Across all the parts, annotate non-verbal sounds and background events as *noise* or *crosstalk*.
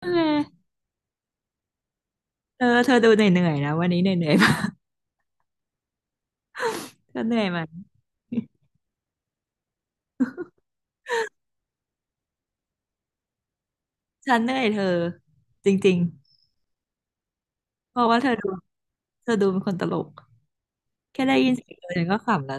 เออเธอดูเหนื่อยๆนะวันนี้เหนื่อยๆมากเธอเหนื่อยไหมฉันเหนื่อยเธอจริงๆเพราะว่าเธอดูเป็นคนตลกแค่ได้ยินเสียงเธอฉันก็ขำแล้ว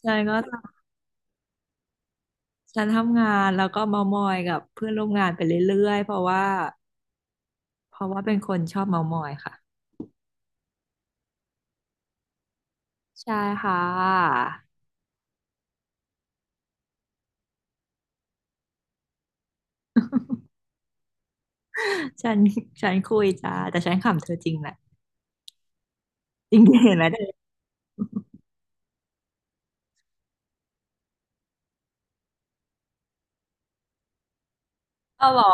ฉันก็ฉันทำงานแล้วก็เมามอยกับเพื่อนร่วมงานไปเรื่อยๆเพราะว่าเป็นคนชอบเมามอยค่ะใช่ค่ะฉันฉันคุยจ้าแต่ฉันขำเธอจริงแหละจริงๆเห็นไหมเธอเอาหรอ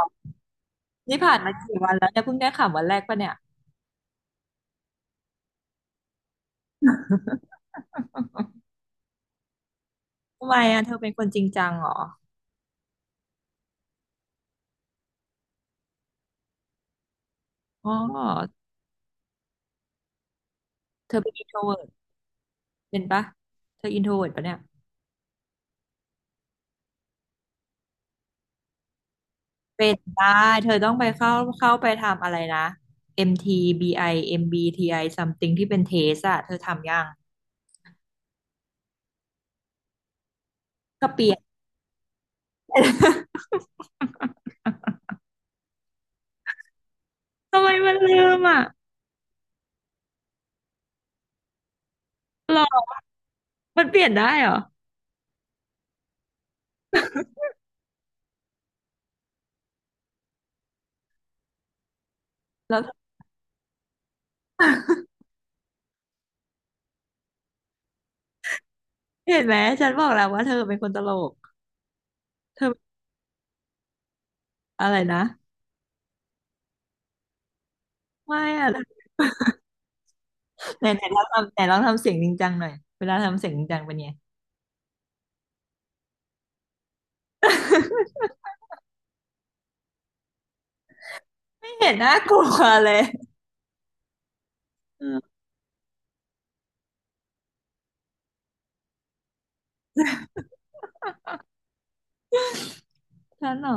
นี่ผ่านมากี่วันแล้วเนี่ยเพิ่งได้ขำวันแรกปะเนี่ยทำไมอ่ะเธอเป็นคนจริงจังเหรออ๋อ เธอเป็นอินโทรเวิร์ตเป็นปะเธออินโทรเวิร์ตปะเนี่ยเป็นได้ เธอต้องไปเข้าไปทำอะไรนะ MTBI MBTI something ที่เป็นเทสอะเธอทำยังก็เปลี่ยน *laughs* ทำไมมันลืมอ่ะหรอมันเปลี่ยนได้เหรอแล้วเห็นไหม ฉันบอกแล้วว่าเธอเป็นคนตลก เธออะไรนะไม่อะไหนไหนลองทำไหนลองทำเสียงจริงจังหน่อย เวลาทำเสียงจริงจังเป็นไงไม่เห็นน่ากลัวเลยเออฉันเหรอ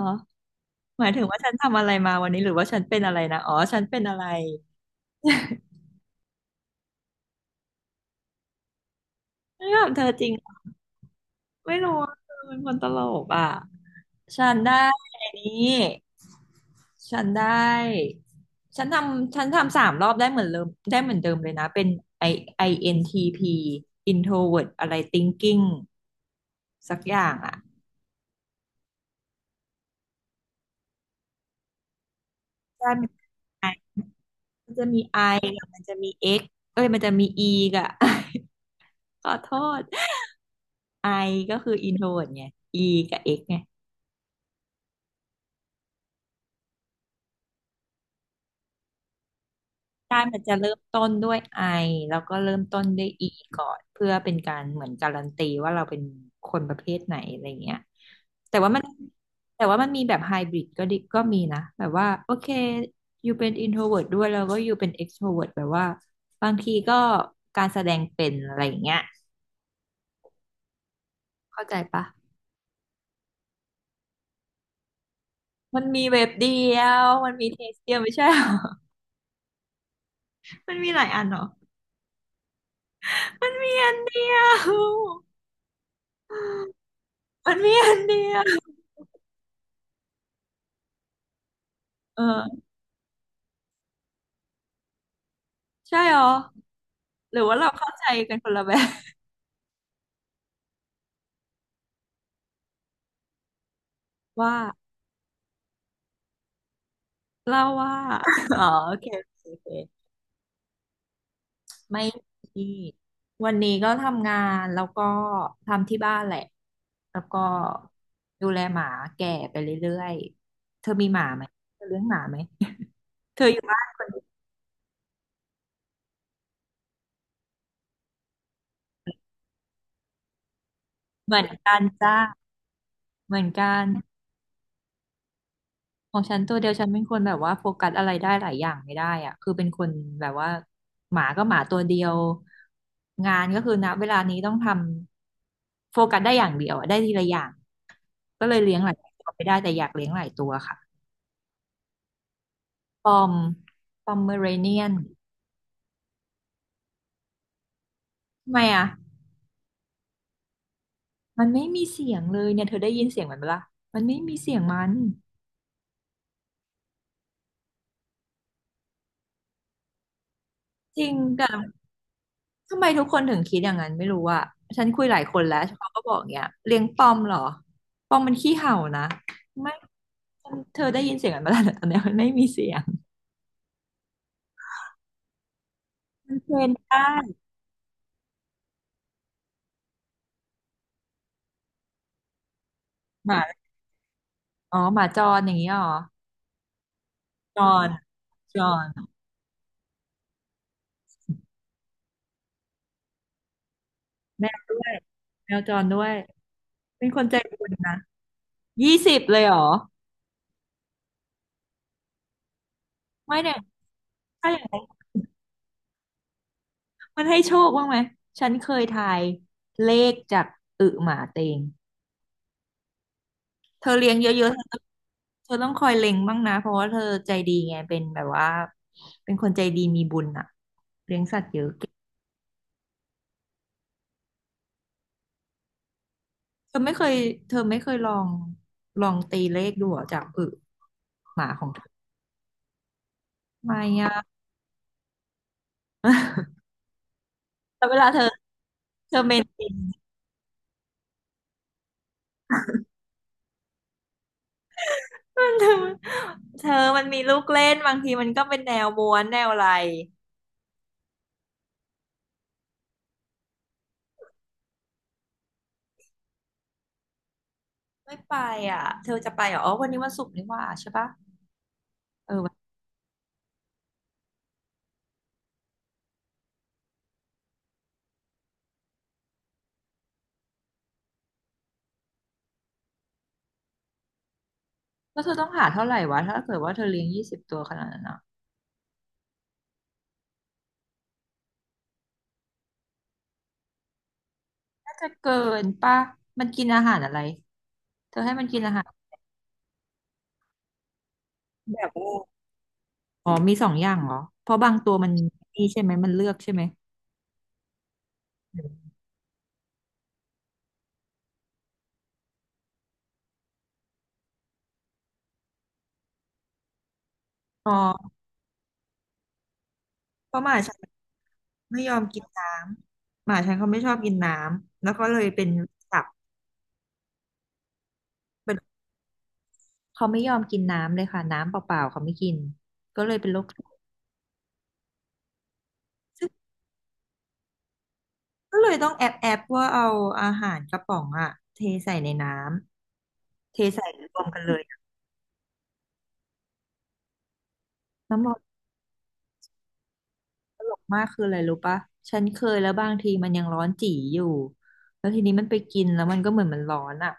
หมายถึงว่าฉันทำอะไรมาวันนี้หรือว่าฉันเป็นอะไรนะอ๋อฉันเป็นอะไรไม่ถามเธอจริงเหรอไม่รู้ว่าเธอเป็นคนตลกอ่ะ ฉันได้ไอ้นี้ฉันได้ ฉันทำ3 รอบได้เหมือนเดิมได้เหมือนเดิมเลยนะ เป็น I n t p introvert อะไร thinking สักอย่างอ่ะใช่มันไอมันจะมี I กับมันจะมี X เอ้ยมันจะมี E กับ *laughs* ขอโทษ I ก็คือ introvert ไง E กับ X ไง ใช่มันจะเริ่มต้นด้วยไอแล้วก็เริ่มต้นด้วยอีก่อนเพื่อเป็นการเหมือนการันตีว่าเราเป็นคนประเภทไหนอะไรเงี้ยแต่ว่ามันแต่ว่ามันมีแบบไฮบริดก็ดิก็มีนะแบบว่าโอเคอยู่เป็นอินโทรเวิร์ด้วยแล้วก็อยู่เป็นเอ็กโทรเวิร์แบบว่าบางทีก็การแสดงเป็นอะไรอย่างเงี้ยเข้าใจปะมันมีเว็บเดียวมันมีเทสเดียวไม่ใช่หรอ *laughs* มันมีหลายอันเหรอ มันมีอันเดียว *laughs* มันมีอันเดียวเออใช่หรอ หรือว่าเราเข้าใจกันคนละแบบว่าเล่าว่า *laughs* อ๋อโอเคโอเคโอเคไม่มีวันนี้ก็ทำงานแล้วก็ทำที่บ้านแหละแล้วก็ดูแลหมาแก่ไปเรื่อยๆเธอมีหมาไหมเธอเลี้ยงหมาไหม *laughs* เธออยู่บ้านคนเดียวเหมือนกันจ้าเหมือนกัน ของฉันตัวเดียวฉันเป็นคนแบบว่าโฟกัสอะไรได้หลายอย่างไม่ได้อะคือเป็นคนแบบว่าหมาก็หมาตัวเดียวงานก็คือณเวลานี้ต้องทำโฟกัสได้อย่างเดียวอะได้ทีละอย่างก็เลยเลี้ยงหลายตัวไม่ได้แต่อยากเลี้ยงหลายตัวค่ะปอมปอมเมอเรเนียนทำไมอ่ะมันไม่มีเสียงเลยเนี่ยเธอได้ยินเสียงมันปะล่ะมันไม่มีเสียงมันจริงแต่ ทำไมทุกคนถึงคิดอย่างนั้นไม่รู้อะฉันคุยหลายคนแล้วเขาก็บอกเนี้ยเลี้ยงปอมเหรอปอมมันขี้เห่านะไม่เธอได้ยินเสียงมันมาแล้วตอนเนี้ยมันไม่มีเสียงมันเทรนได้หมาอ๋อหมาจรอย่างนี้เหรอจรจรแมวด้วยแมวจรด้วยเป็นคนใจบุญนะยี่สิบเลยเหรอไม่เนี่ยถ้าอย่างนั้นมันให้โชคบ้างไหมฉันเคยทายเลขจากอึหมาเต็ง เธอเลี้ยงเยอะๆเธอเธอต้องคอยเล็งบ้างนะเพราะว่าเธอใจดีไงเป็นแบบว่าเป็นคนใจดีมีบุญอ่ะเธอไม่เคยเธอไม่เคยลองตีเลขดูเหรอจากอึหมาของเธอทำไม่อ่ะ *laughs* แต่เวลาเธอเธอเมนติน *laughs* มันเธอมันมีลูกเล่นบางทีมันก็เป็นแนวม้วนแนวอะไรไม่ไปอ่ะเธอจะไปเหรออ๋อวันนี้วันศุกร์นี่หว่าใช่ปะเออแล้วเธอต้องหาเท่าไหร่วะถ้าเกิดว่าเธอเลี้ยงยี่สิบตัวขนาดนั้นอะ จะเกินป่ะมันกินอาหารอะไรเธอให้มันกินอาหารแบบว่าอ๋อมี2 อย่างเหรอเพราะบางตัวมันนี่ใช่ไหมมันเลือกใช่ไหมอ๋อเพราะหมาฉันไม่ยอมกินน้ำหมาฉันเขาไม่ชอบกินน้ำแล้วก็เลยเป็นตับเป็นเขาไม่ยอมกินน้ำเลยค่ะน้ำเปล่าๆเขาไม่กินก็เลยเป็นโรคซึ่งก็เลยต้องแอบว่าเอาอาหารกระป๋องอะเทใส่ในน้ำเทใส่รวมกันเลยน้ำ มากคืออะไรรู้ปะฉันเคยแล้วบางทีมันยังร้อนจี๋อยู่แล้วทีนี้มันไปกินแล้วมันก็เหมือนมันร้อนอ่ะ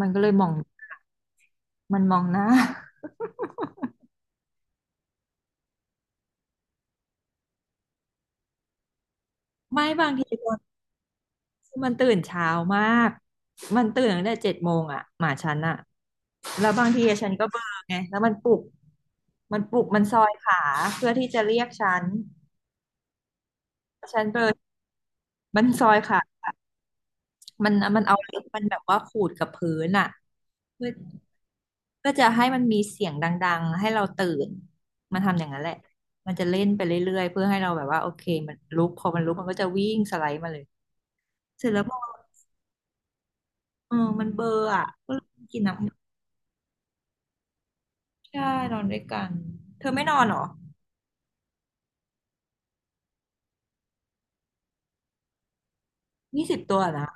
มันก็เลยมองมันมองหน้า *laughs* ไม่บางทีตอนที่มันตื่นเช้ามากมันตื่นตั้งแต่7 โมงอ่ะหมาฉันอ่ะแล้วบางทีฉันก็เบลอไงแล้วมันปลุกมันซอยขาเพื่อที่จะเรียกฉันฉันเบลอมันซอยขา มันเอาเล็บมันแบบว่าขูดกับพื้นอ่ะเพื่อเพื่อจะให้มันมีเสียงดังๆ ให้เราตื่น มันทำอย่างนั้นแหละ มันจะเล่นไปเรื่อยๆเพื่อให้เราแบบว่าโอเคมันลุกพอมันลุกมันก็จะวิ่งสไลด์มาเลยเสร็จแล้วพอเออมันเบลอร์อ่ะก็เลยกินน้ำใช่นอนด้วยกันเธอไม่นอนเหรอยี่สิบตัวนะ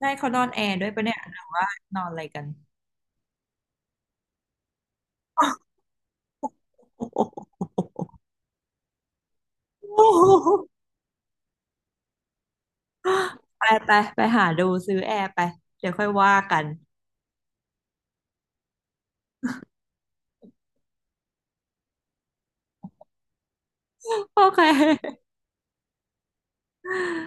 ได้เขานอนแอร์ด้วยปะเนี่ยหรือว่านอนอะไรกันโอ้โห *laughs* ไปไปไปหาดูซื้อแอร์ไปเดี๋ยวค่อยว่ากัน *laughs* โอเค